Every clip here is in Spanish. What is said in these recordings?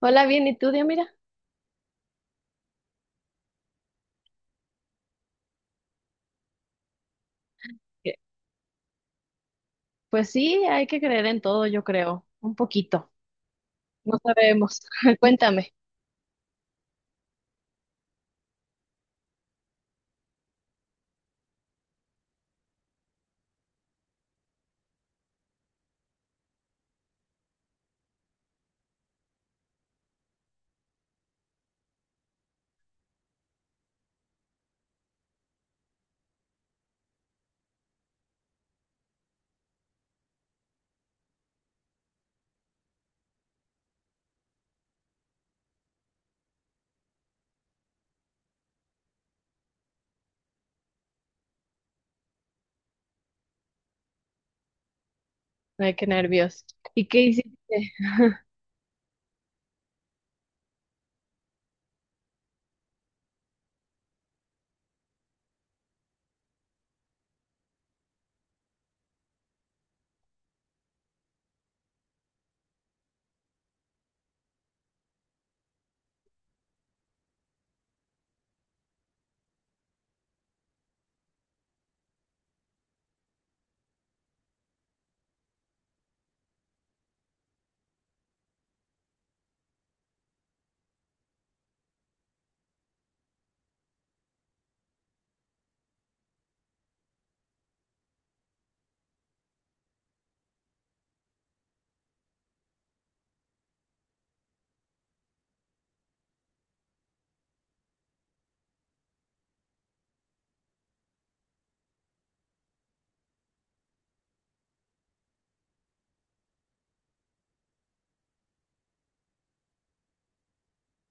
Hola, bien. ¿Y tú? Mira. Pues sí, hay que creer en todo, yo creo, un poquito. No sabemos. Cuéntame. Ay, qué nervios. ¿Y qué hiciste?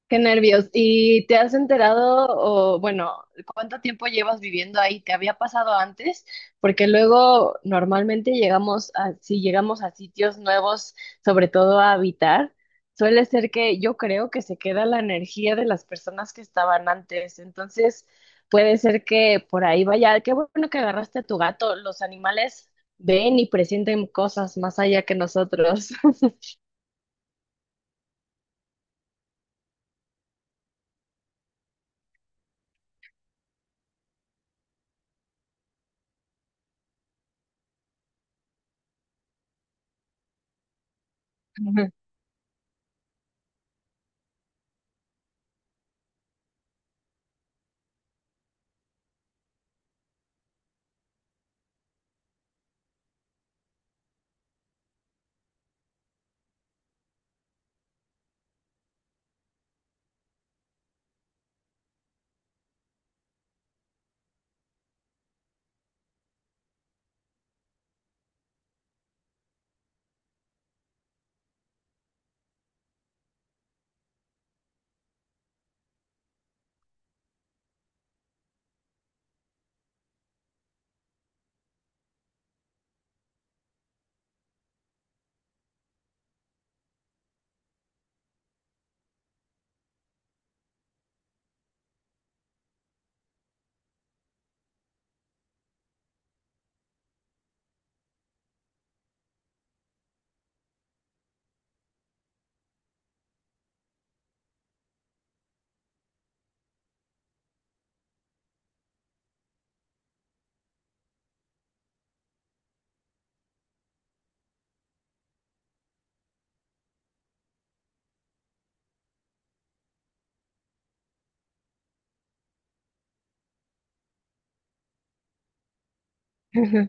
Qué nervios. ¿Y te has enterado o, bueno, cuánto tiempo llevas viviendo ahí? ¿Te había pasado antes? Porque luego normalmente llegamos a, si llegamos a sitios nuevos, sobre todo a habitar, suele ser que yo creo que se queda la energía de las personas que estaban antes. Entonces, puede ser que por ahí vaya. Qué bueno que agarraste a tu gato. Los animales ven y presienten cosas más allá que nosotros.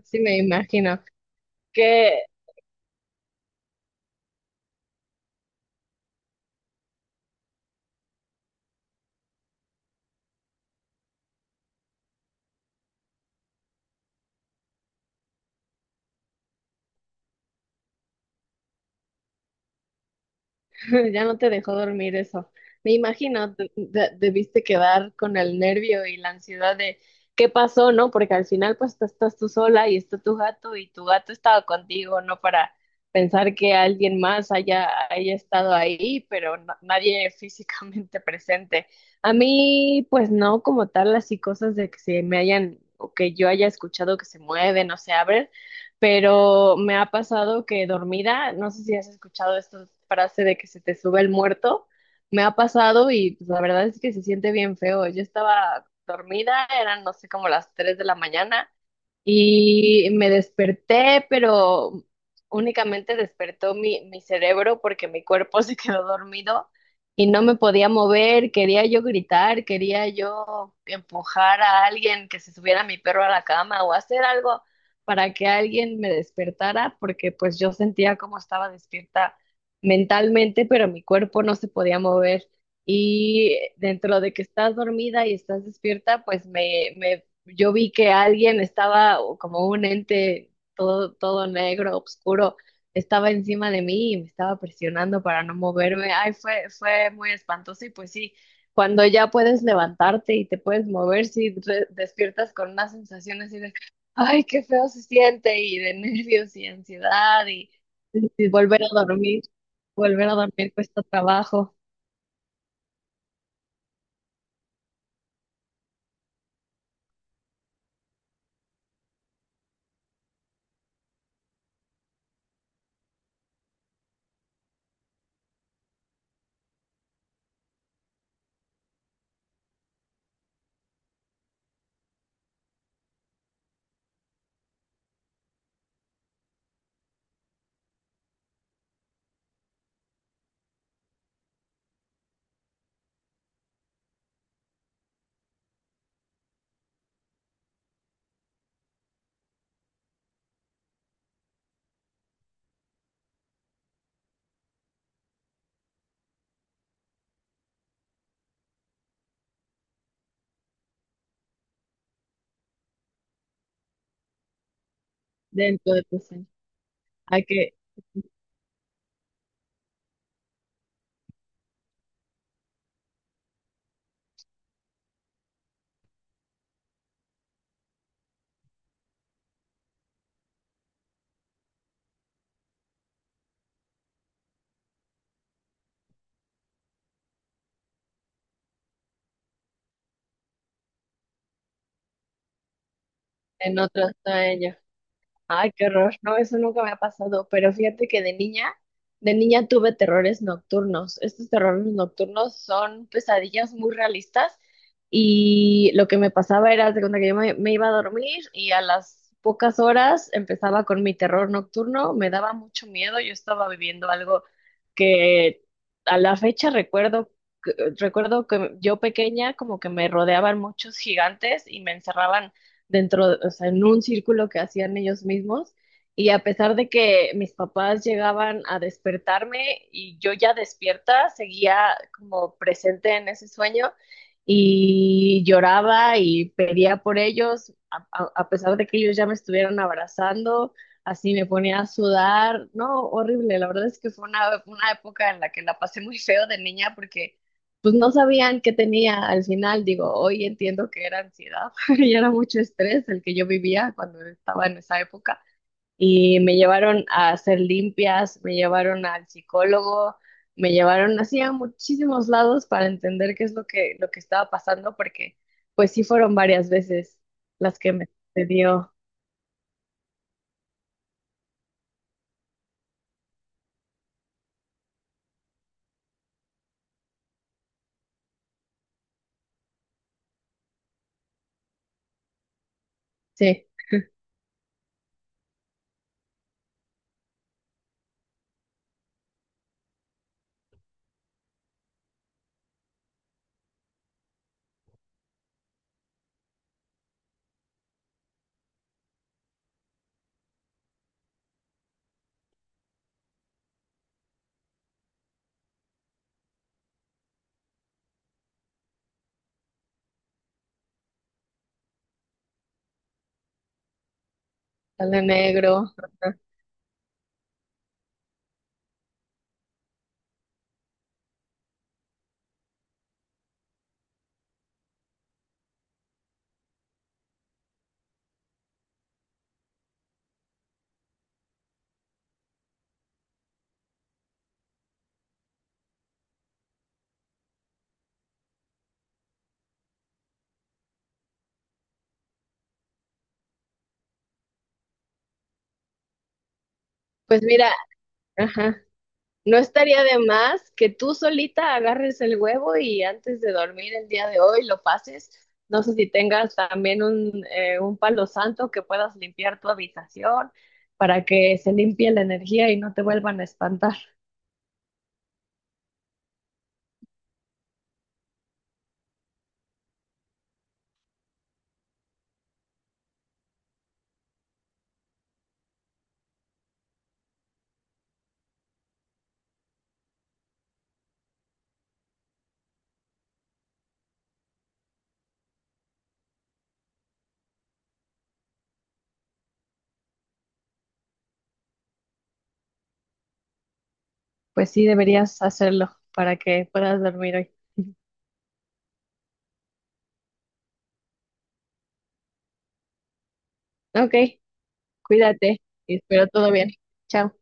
Sí, me imagino. Que Ya no te dejó dormir eso. Me imagino, debiste quedar con el nervio y la ansiedad de qué pasó, ¿no? Porque al final pues tú estás tú sola y está tu gato y tu gato estaba contigo, ¿no? Para pensar que alguien más haya estado ahí, pero nadie físicamente presente. A mí pues no como tal así cosas de que se me hayan o que yo haya escuchado que se mueven o se abren, pero me ha pasado que dormida, no sé si has escuchado esta frase de que se te sube el muerto, me ha pasado y pues, la verdad es que se siente bien feo. Yo estaba dormida, eran no sé como las 3 de la mañana y me desperté, pero únicamente despertó mi cerebro porque mi cuerpo se quedó dormido y no me podía mover. Quería yo gritar, quería yo empujar a alguien que se subiera mi perro a la cama o hacer algo para que alguien me despertara porque pues yo sentía como estaba despierta mentalmente, pero mi cuerpo no se podía mover. Y dentro de que estás dormida y estás despierta, pues me yo vi que alguien estaba o como un ente todo, todo negro, oscuro, estaba encima de mí y me estaba presionando para no moverme. Ay, fue, fue muy espantoso y pues sí, cuando ya puedes levantarte y te puedes mover, sí despiertas con una sensación así de ay, qué feo se siente y de nervios y ansiedad, y volver a dormir cuesta trabajo dentro de tu sueño. Hay que En otro sueño. Ay, qué horror. No, eso nunca me ha pasado. Pero fíjate que de niña tuve terrores nocturnos. Estos terrores nocturnos son pesadillas muy realistas. Y lo que me pasaba era, haz de cuenta que yo me iba a dormir y a las pocas horas empezaba con mi terror nocturno. Me daba mucho miedo. Yo estaba viviendo algo que a la fecha recuerdo, que- recuerdo que yo pequeña como que me rodeaban muchos gigantes y me encerraban dentro, o sea, en un círculo que hacían ellos mismos. Y a pesar de que mis papás llegaban a despertarme y yo ya despierta, seguía como presente en ese sueño y lloraba y pedía por ellos, a pesar de que ellos ya me estuvieron abrazando, así me ponía a sudar, no, horrible, la verdad es que fue una época en la que la pasé muy feo de niña porque pues no sabían qué tenía al final, digo, hoy entiendo que era ansiedad, y era mucho estrés el que yo vivía cuando estaba en esa época. Y me llevaron a hacer limpias, me llevaron al psicólogo, me llevaron así a muchísimos lados para entender qué es lo que estaba pasando, porque pues sí fueron varias veces las que me dio, sí, sale negro. Pues mira, ajá. No estaría de más que tú solita agarres el huevo y antes de dormir el día de hoy lo pases. No sé si tengas también un palo santo que puedas limpiar tu habitación para que se limpie la energía y no te vuelvan a espantar. Pues sí, deberías hacerlo para que puedas dormir hoy. Ok, cuídate y espero todo bien. Chao.